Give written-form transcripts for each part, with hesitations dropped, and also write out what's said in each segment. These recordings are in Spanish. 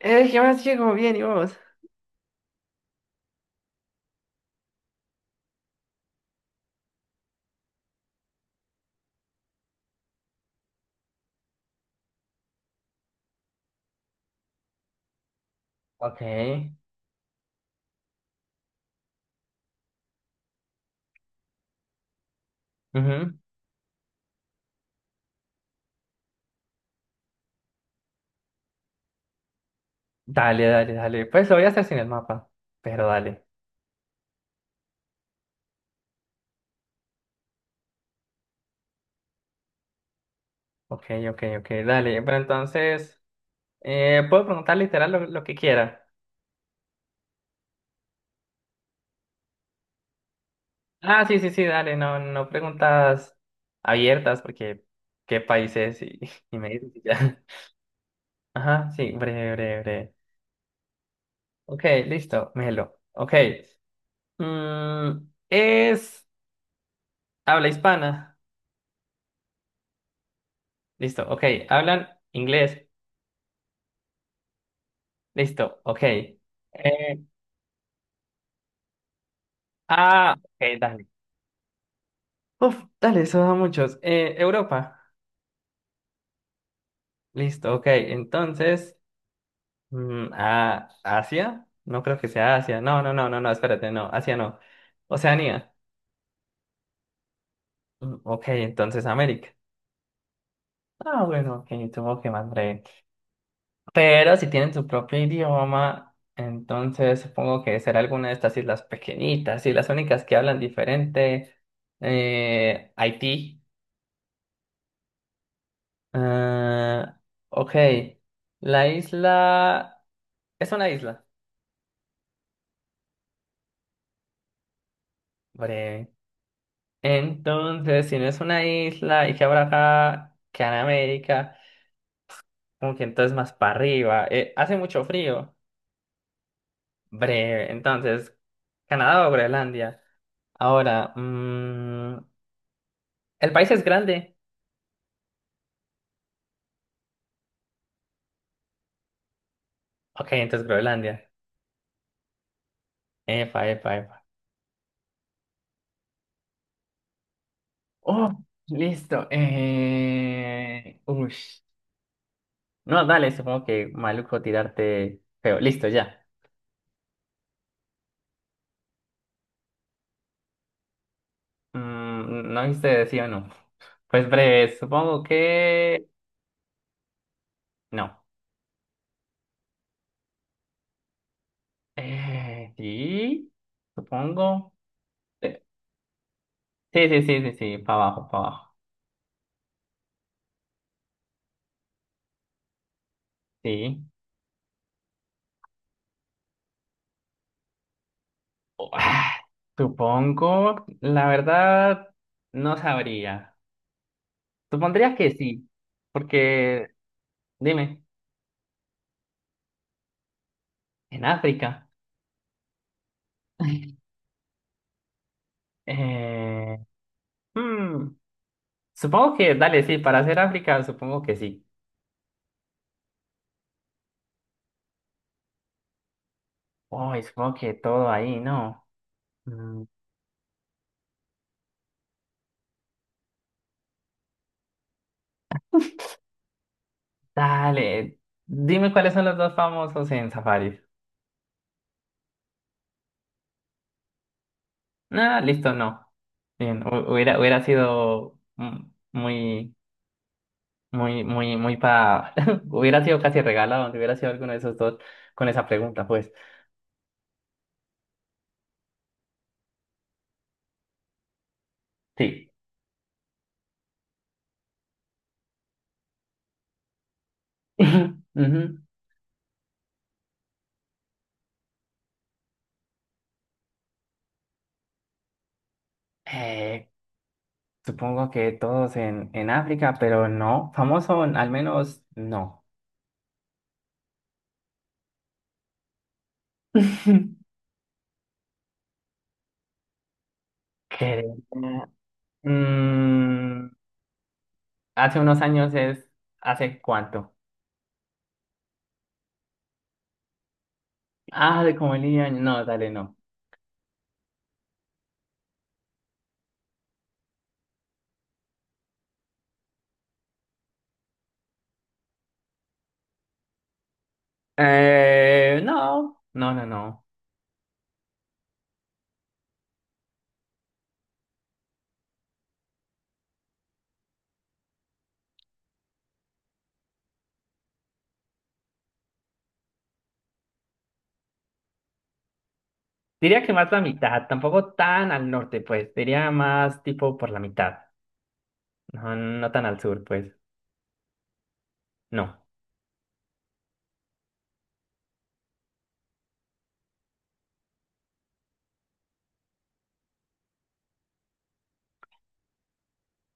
¿Qué más, chico? Bien, ¿y vos? Ok. Ujú. Dale, dale, dale. Pues lo voy a hacer sin el mapa. Pero dale. Ok, ok, ok. Dale. Pero entonces, puedo preguntar literal lo que quiera. Ah, sí, sí, sí, dale. No, no preguntas abiertas porque qué país es y, y me dices y ya. Ajá, sí, breve, breve, breve. Ok, listo, Melo. Ok. Mm, es. Habla hispana. Listo, ok. Hablan inglés. Listo, ok. Eh, Ah, ok, dale. Uf, dale, eso da muchos. Europa. Listo, ok. Entonces, Asia. No creo que sea Asia. No, no, no, no, no, espérate, no. Asia no. Oceanía. Ok, entonces América. Ah, bueno, ok, tuvo que más breve. Pero si tienen su propio idioma, entonces supongo que será alguna de estas islas pequeñitas y las únicas que hablan diferente. Haití. Ah, ok. La isla. Es una isla. Bre. Entonces, si no es una isla y que habrá acá, que en América, como que entonces más para arriba. Hace mucho frío. Breve. Entonces, Canadá o Groenlandia. Ahora, el país es grande. Ok, entonces Groenlandia. Epa, epa, epa. Oh, listo. Ush. No, dale, supongo que maluco tirarte feo. Listo, ya. No hice sí o no. Pues breve, supongo que no. Sí, supongo. Eh, Sí, sí, sí, sí, sí, para abajo, para abajo. Sí. Oh, supongo, la verdad, no sabría. Supondría que sí, porque, dime, en África. Eh, hmm, supongo que, dale, sí, para hacer África, supongo que sí. Uy, supongo que todo ahí, ¿no? Mm, Dale, dime cuáles son los dos famosos en Safari. Ah, listo, no. Bien, hubiera sido muy, muy, muy, muy. Hubiera sido casi regalado donde hubiera sido alguno de esos dos con esa pregunta, pues. Sí. Ujú. Eh, Supongo que todos en África, pero no. Famoso, al menos, no. Que, mm, Hace unos años ¿Hace cuánto? Ah, de como el niño. No, dale, no. No, no, no, no. Diría que más la mitad, tampoco tan al norte, pues. Diría más tipo por la mitad. No, no tan al sur, pues. No.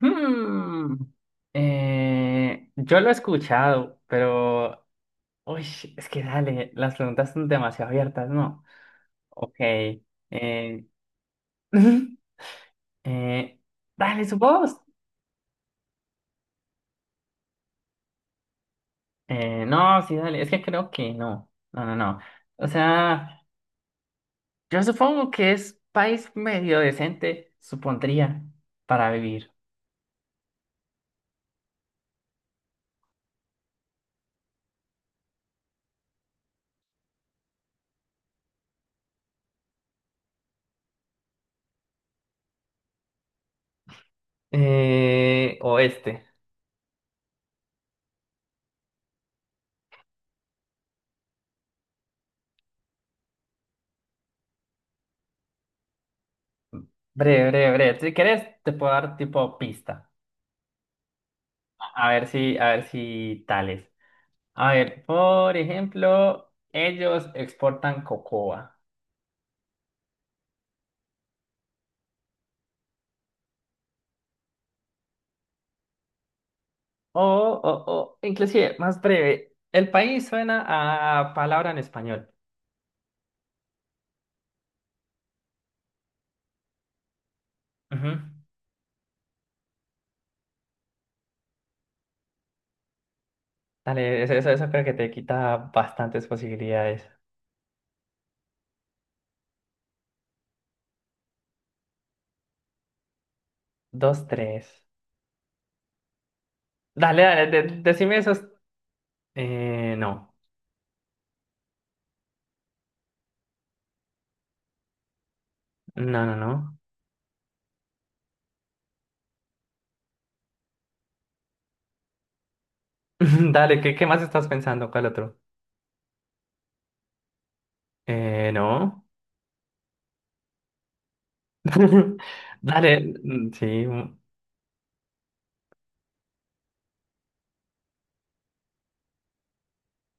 Hmm. Yo lo he escuchado, pero. Uy, es que dale, las preguntas son demasiado abiertas, ¿no? Ok. Eh, eh, dale, su voz. No, sí, dale. Es que creo que no. No, no, no. O sea. Yo supongo que es país medio decente, supondría, para vivir. Oeste. Breve, breve, breve. Si querés, te puedo dar tipo pista. A ver si, a ver si tales. A ver, por ejemplo, ellos exportan cocoa. O, o, inclusive, más breve. El país suena a palabra en español. Ujú. Dale, eso creo que te quita bastantes posibilidades. Dos, tres. Dale, dale, decime esos. No, no, no, no. Dale, ¿qué más estás pensando? ¿Cuál otro? No. Dale, sí. Mm.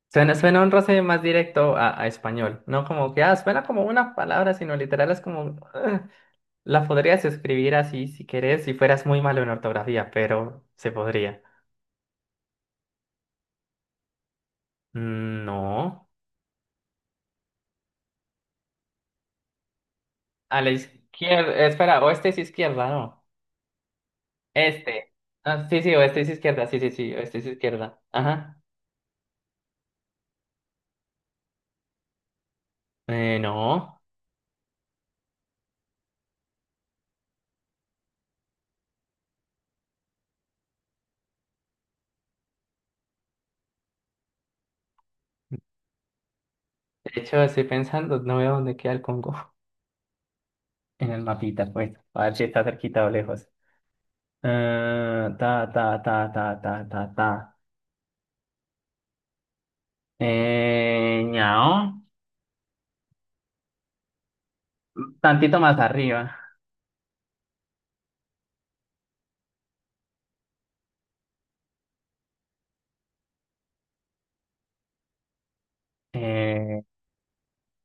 Suena un roce más directo a español, ¿no? Como que, suena como una palabra, sino literal es como, la podrías escribir así si querés, si fueras muy malo en ortografía, pero se podría. Mm, no. A la izquierda, espera, oeste es izquierda, no. Este. Ah, sí, sí, oeste es izquierda, sí, sí, sí, oeste es izquierda. Ajá. No. De hecho, estoy pensando, no veo dónde queda el Congo en el mapita, pues, a ver si está cerquita o lejos. Ta, ta, ta, ta, ta, ta, ta. Eh, ñao, tantito más arriba. Eh,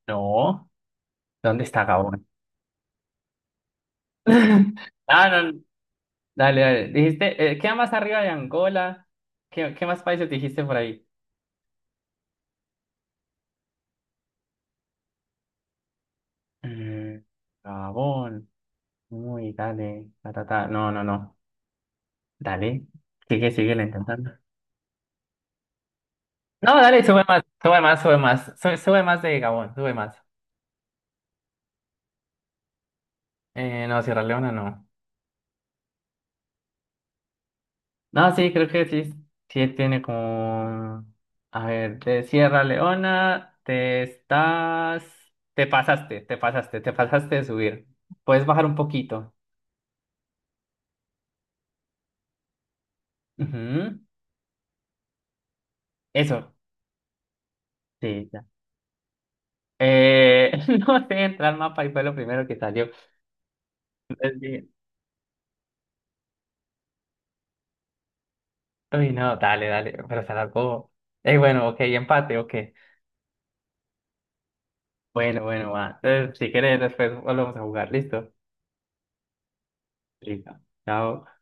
no, ¿dónde está Gabón? Ah, no, dale, dale. Dijiste, queda más arriba de Angola. ¿Qué más países dijiste por ahí? Mm, Gabón. Uy, dale, ta, ta, ta. No, no, no. Dale, sigue intentando. No, dale, sube más, sube más, sube más. Sube, sube más de Gabón, sube más. No, Sierra Leona no. No, sí, creo que sí. Sí tiene como... A ver, de Sierra Leona te estás... Te pasaste, te pasaste, te pasaste de subir. Puedes bajar un poquito. Ujú. Eso. Sí, ya. Eh, no sé, entrar al mapa y fue lo primero que salió. Entonces dije, uy, no, dale, dale, pero se alargó. Bueno, ok, empate, ok. Bueno, bueno, va. Entonces, si quieres, después volvemos a jugar. ¿Listo? Listo. Chao.